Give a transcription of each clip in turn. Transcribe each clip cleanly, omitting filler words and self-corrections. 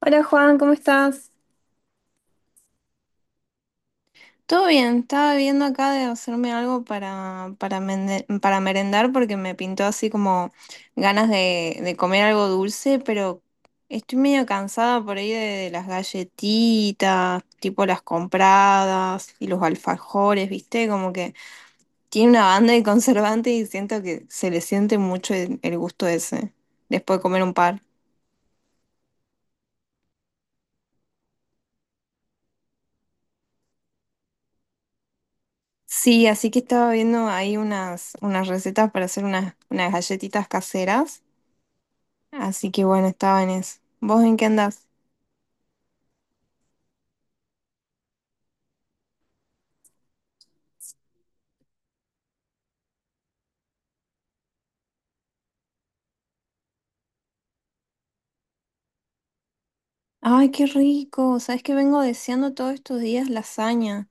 Hola Juan, ¿cómo estás? Todo bien, estaba viendo acá de hacerme algo para merendar porque me pintó así como ganas de comer algo dulce, pero estoy medio cansada por ahí de las galletitas, tipo las compradas y los alfajores, ¿viste? Como que tiene una banda de conservante y siento que se le siente mucho el gusto ese después de comer un par. Sí, así que estaba viendo ahí unas recetas para hacer unas galletitas caseras. Así que bueno, estaba en eso. ¿Vos en qué andás? Ay, qué rico. Sabes que vengo deseando todos estos días lasaña.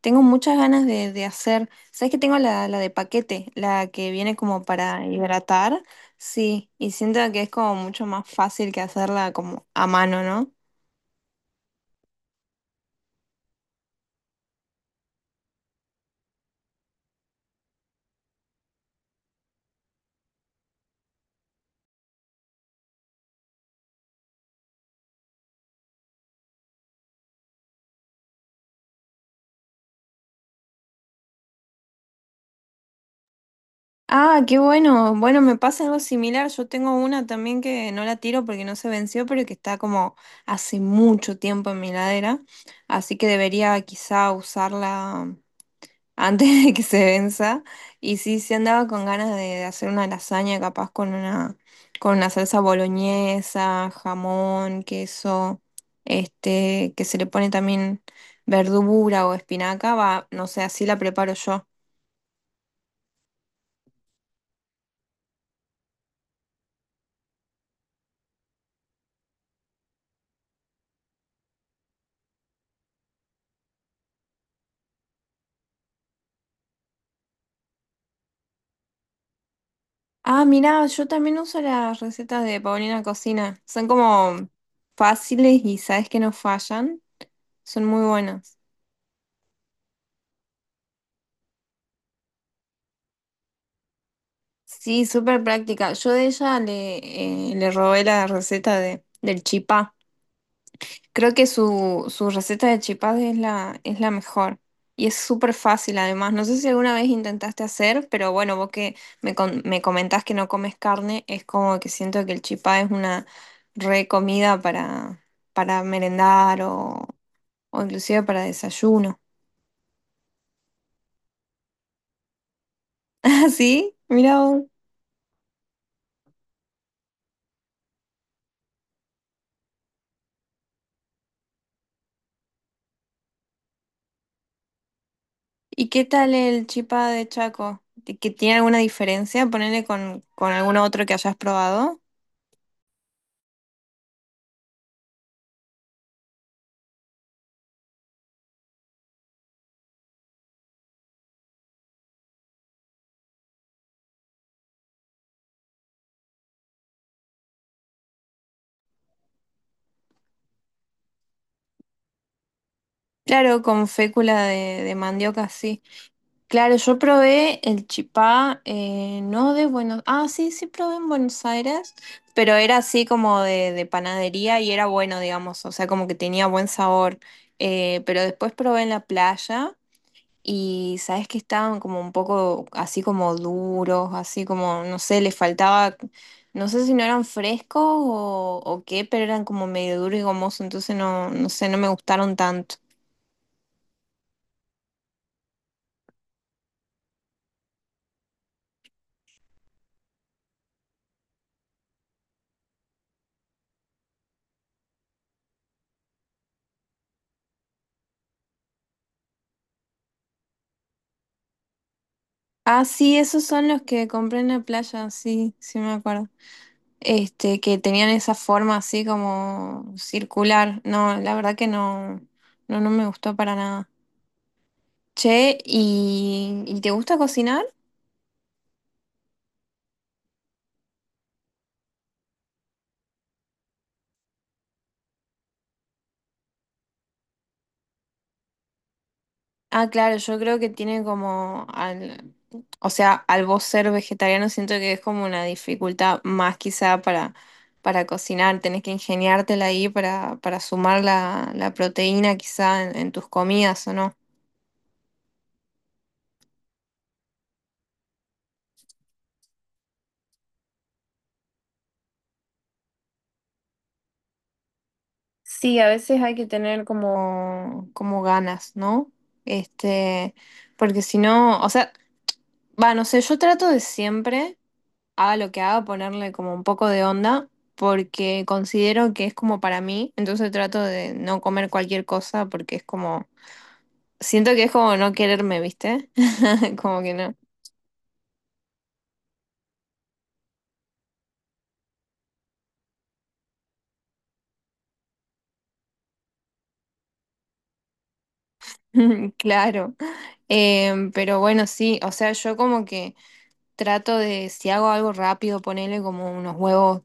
Tengo muchas ganas de hacer. Sabes que tengo la de paquete, la que viene como para hidratar. Sí, y siento que es como mucho más fácil que hacerla como a mano, ¿no? Ah, qué bueno. Bueno, me pasa algo similar. Yo tengo una también que no la tiro porque no se venció, pero que está como hace mucho tiempo en mi heladera. Así que debería quizá usarla antes de que se venza. Y sí, sí andaba con ganas de hacer una lasaña capaz con con una salsa boloñesa, jamón, queso, este, que se le pone también verdura o espinaca. Va, no sé, así la preparo yo. Ah, mirá, yo también uso las recetas de Paulina Cocina. Son como fáciles y sabes que no fallan. Son muy buenas. Sí, súper práctica. Yo de ella le robé la receta del chipá. Creo que su receta de chipá es es la mejor. Y es súper fácil además. No sé si alguna vez intentaste hacer, pero bueno, vos que me comentás que no comes carne, es como que siento que el chipá es una re comida para merendar o inclusive para desayuno. ¿Ah, sí? Mirá vos. ¿Y qué tal el chipá de Chaco? ¿Que tiene alguna diferencia? Ponele con algún otro que hayas probado. Claro, con fécula de mandioca, sí. Claro, yo probé el chipá, no de Buenos... Ah, sí, sí probé en Buenos Aires, pero era así como de panadería y era bueno, digamos, o sea, como que tenía buen sabor. Pero después probé en la playa. Y sabes que estaban como un poco así como duros, así como, no sé, les faltaba, no sé si no eran frescos o qué, pero eran como medio duros y gomosos, entonces no, no sé, no me gustaron tanto. Ah, sí, esos son los que compré en la playa, sí, sí me acuerdo. Este, que tenían esa forma así como circular. No, la verdad que no, no, no me gustó para nada. Che, ¿y te gusta cocinar? Ah, claro, yo creo que tiene como al, o sea, al vos ser vegetariano siento que es como una dificultad más quizá para cocinar, tenés que ingeniártela ahí para sumar la proteína quizá en tus comidas, ¿o no? Sí, a veces hay que tener como, como ganas, ¿no? Este, porque si no, o sea, va, no sé, yo trato de siempre. Haga lo que haga, ponerle como un poco de onda, porque considero que es como para mí, entonces trato de no comer cualquier cosa porque es como, siento que es como no quererme, ¿viste? Como que no. Claro. Pero bueno, sí, o sea, yo como que trato de, si hago algo rápido, ponerle como unos huevos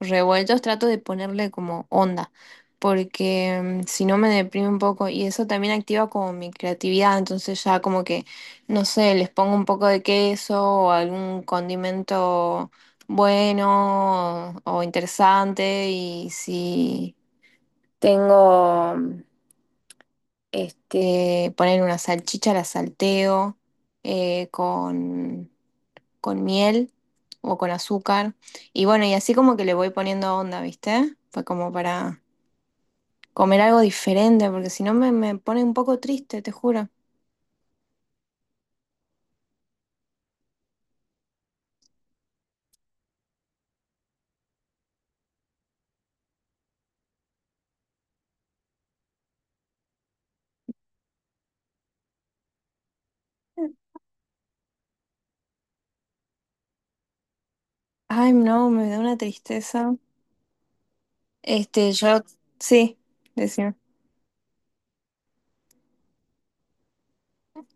revueltos, trato de ponerle como onda, porque si no me deprime un poco y eso también activa como mi creatividad, entonces ya como que, no sé, les pongo un poco de queso o algún condimento bueno o, interesante y si tengo, este, poner una salchicha, la salteo con miel o con azúcar. Y bueno, y así como que le voy poniendo onda, ¿viste? Fue como para comer algo diferente, porque si no me pone un poco triste, te juro. Ay, no, me da una tristeza. Este, yo, sí, decía.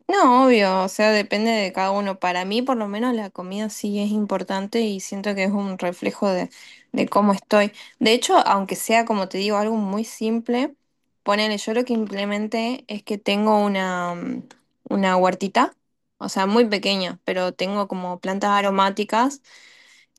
No, obvio, o sea, depende de cada uno. Para mí, por lo menos, la comida sí es importante y siento que es un reflejo de cómo estoy. De hecho, aunque sea, como te digo, algo muy simple, ponele, yo lo que implementé es que tengo una, una huertita, o sea, muy pequeña, pero tengo como plantas aromáticas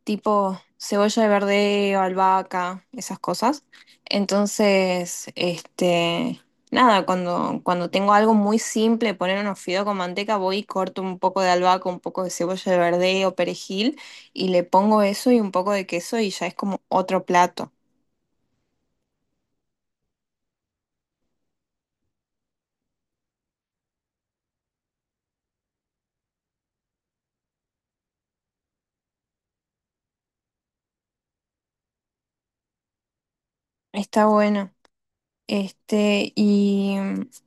tipo cebolla de verdeo, albahaca, esas cosas. Entonces, este, nada, cuando tengo algo muy simple, poner unos fideos con manteca, voy y corto un poco de albahaca, un poco de cebolla de verdeo, perejil, y le pongo eso y un poco de queso y ya es como otro plato. Está bueno. Este,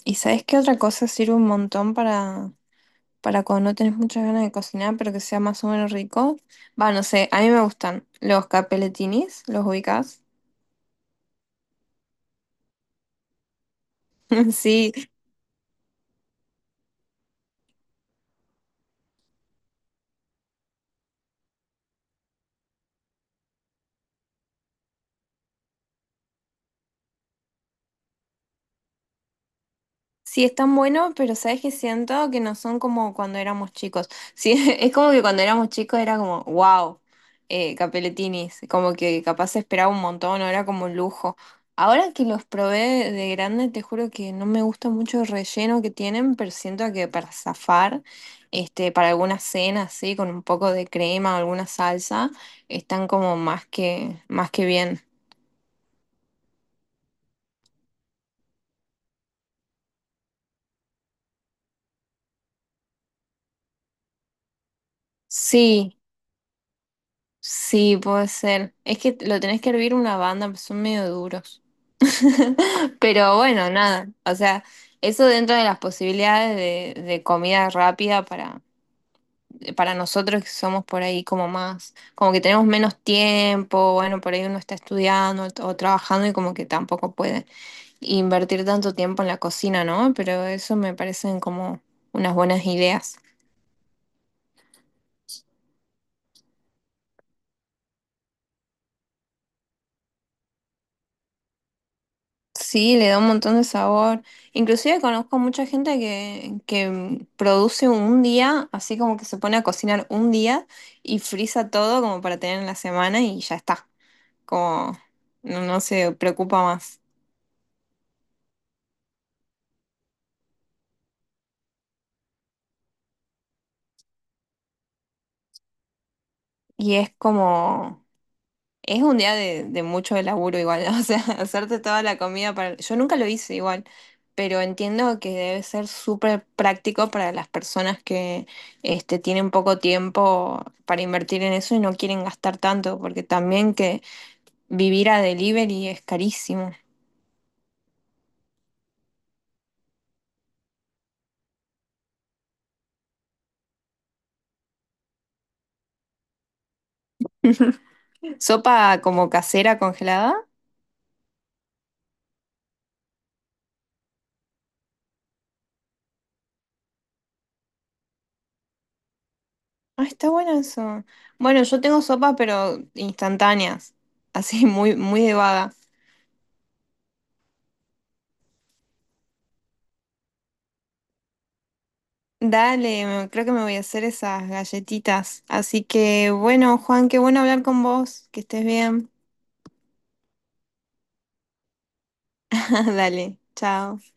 y ¿sabes qué otra cosa sirve un montón para cuando no tenés muchas ganas de cocinar, pero que sea más o menos rico? Va, no sé, a mí me gustan los capelletinis, ¿los ubicás? Sí. Sí, están buenos, pero sabes que siento que no son como cuando éramos chicos. Sí, es como que cuando éramos chicos era como, wow, capeletinis, como que capaz se esperaba un montón, no era como un lujo. Ahora que los probé de grande, te juro que no me gusta mucho el relleno que tienen, pero siento que para zafar, este, para alguna cena así, con un poco de crema o alguna salsa, están como más más que bien. Sí. Sí, puede ser. Es que lo tenés que hervir una banda, pues son medio duros. Pero bueno, nada. O sea, eso dentro de las posibilidades de comida rápida para nosotros que somos por ahí como más, como que tenemos menos tiempo, bueno, por ahí uno está estudiando o trabajando y como que tampoco puede invertir tanto tiempo en la cocina, ¿no? Pero eso me parecen como unas buenas ideas. Sí, le da un montón de sabor. Inclusive conozco mucha gente que produce un día, así como que se pone a cocinar un día y frisa todo como para tener en la semana y ya está. Como no se preocupa más. Y es como, es un día de mucho laburo igual. O sea, hacerte toda la comida para... Yo nunca lo hice igual, pero entiendo que debe ser súper práctico para las personas que este, tienen poco tiempo para invertir en eso y no quieren gastar tanto, porque también que vivir a delivery es carísimo. ¿Sopa como casera congelada? Ah, está bueno eso. Bueno, yo tengo sopas, pero instantáneas, así muy, muy de vaga. Dale, me- creo que me voy a hacer esas galletitas. Así que bueno, Juan, qué bueno hablar con vos, que estés bien. Dale, chao.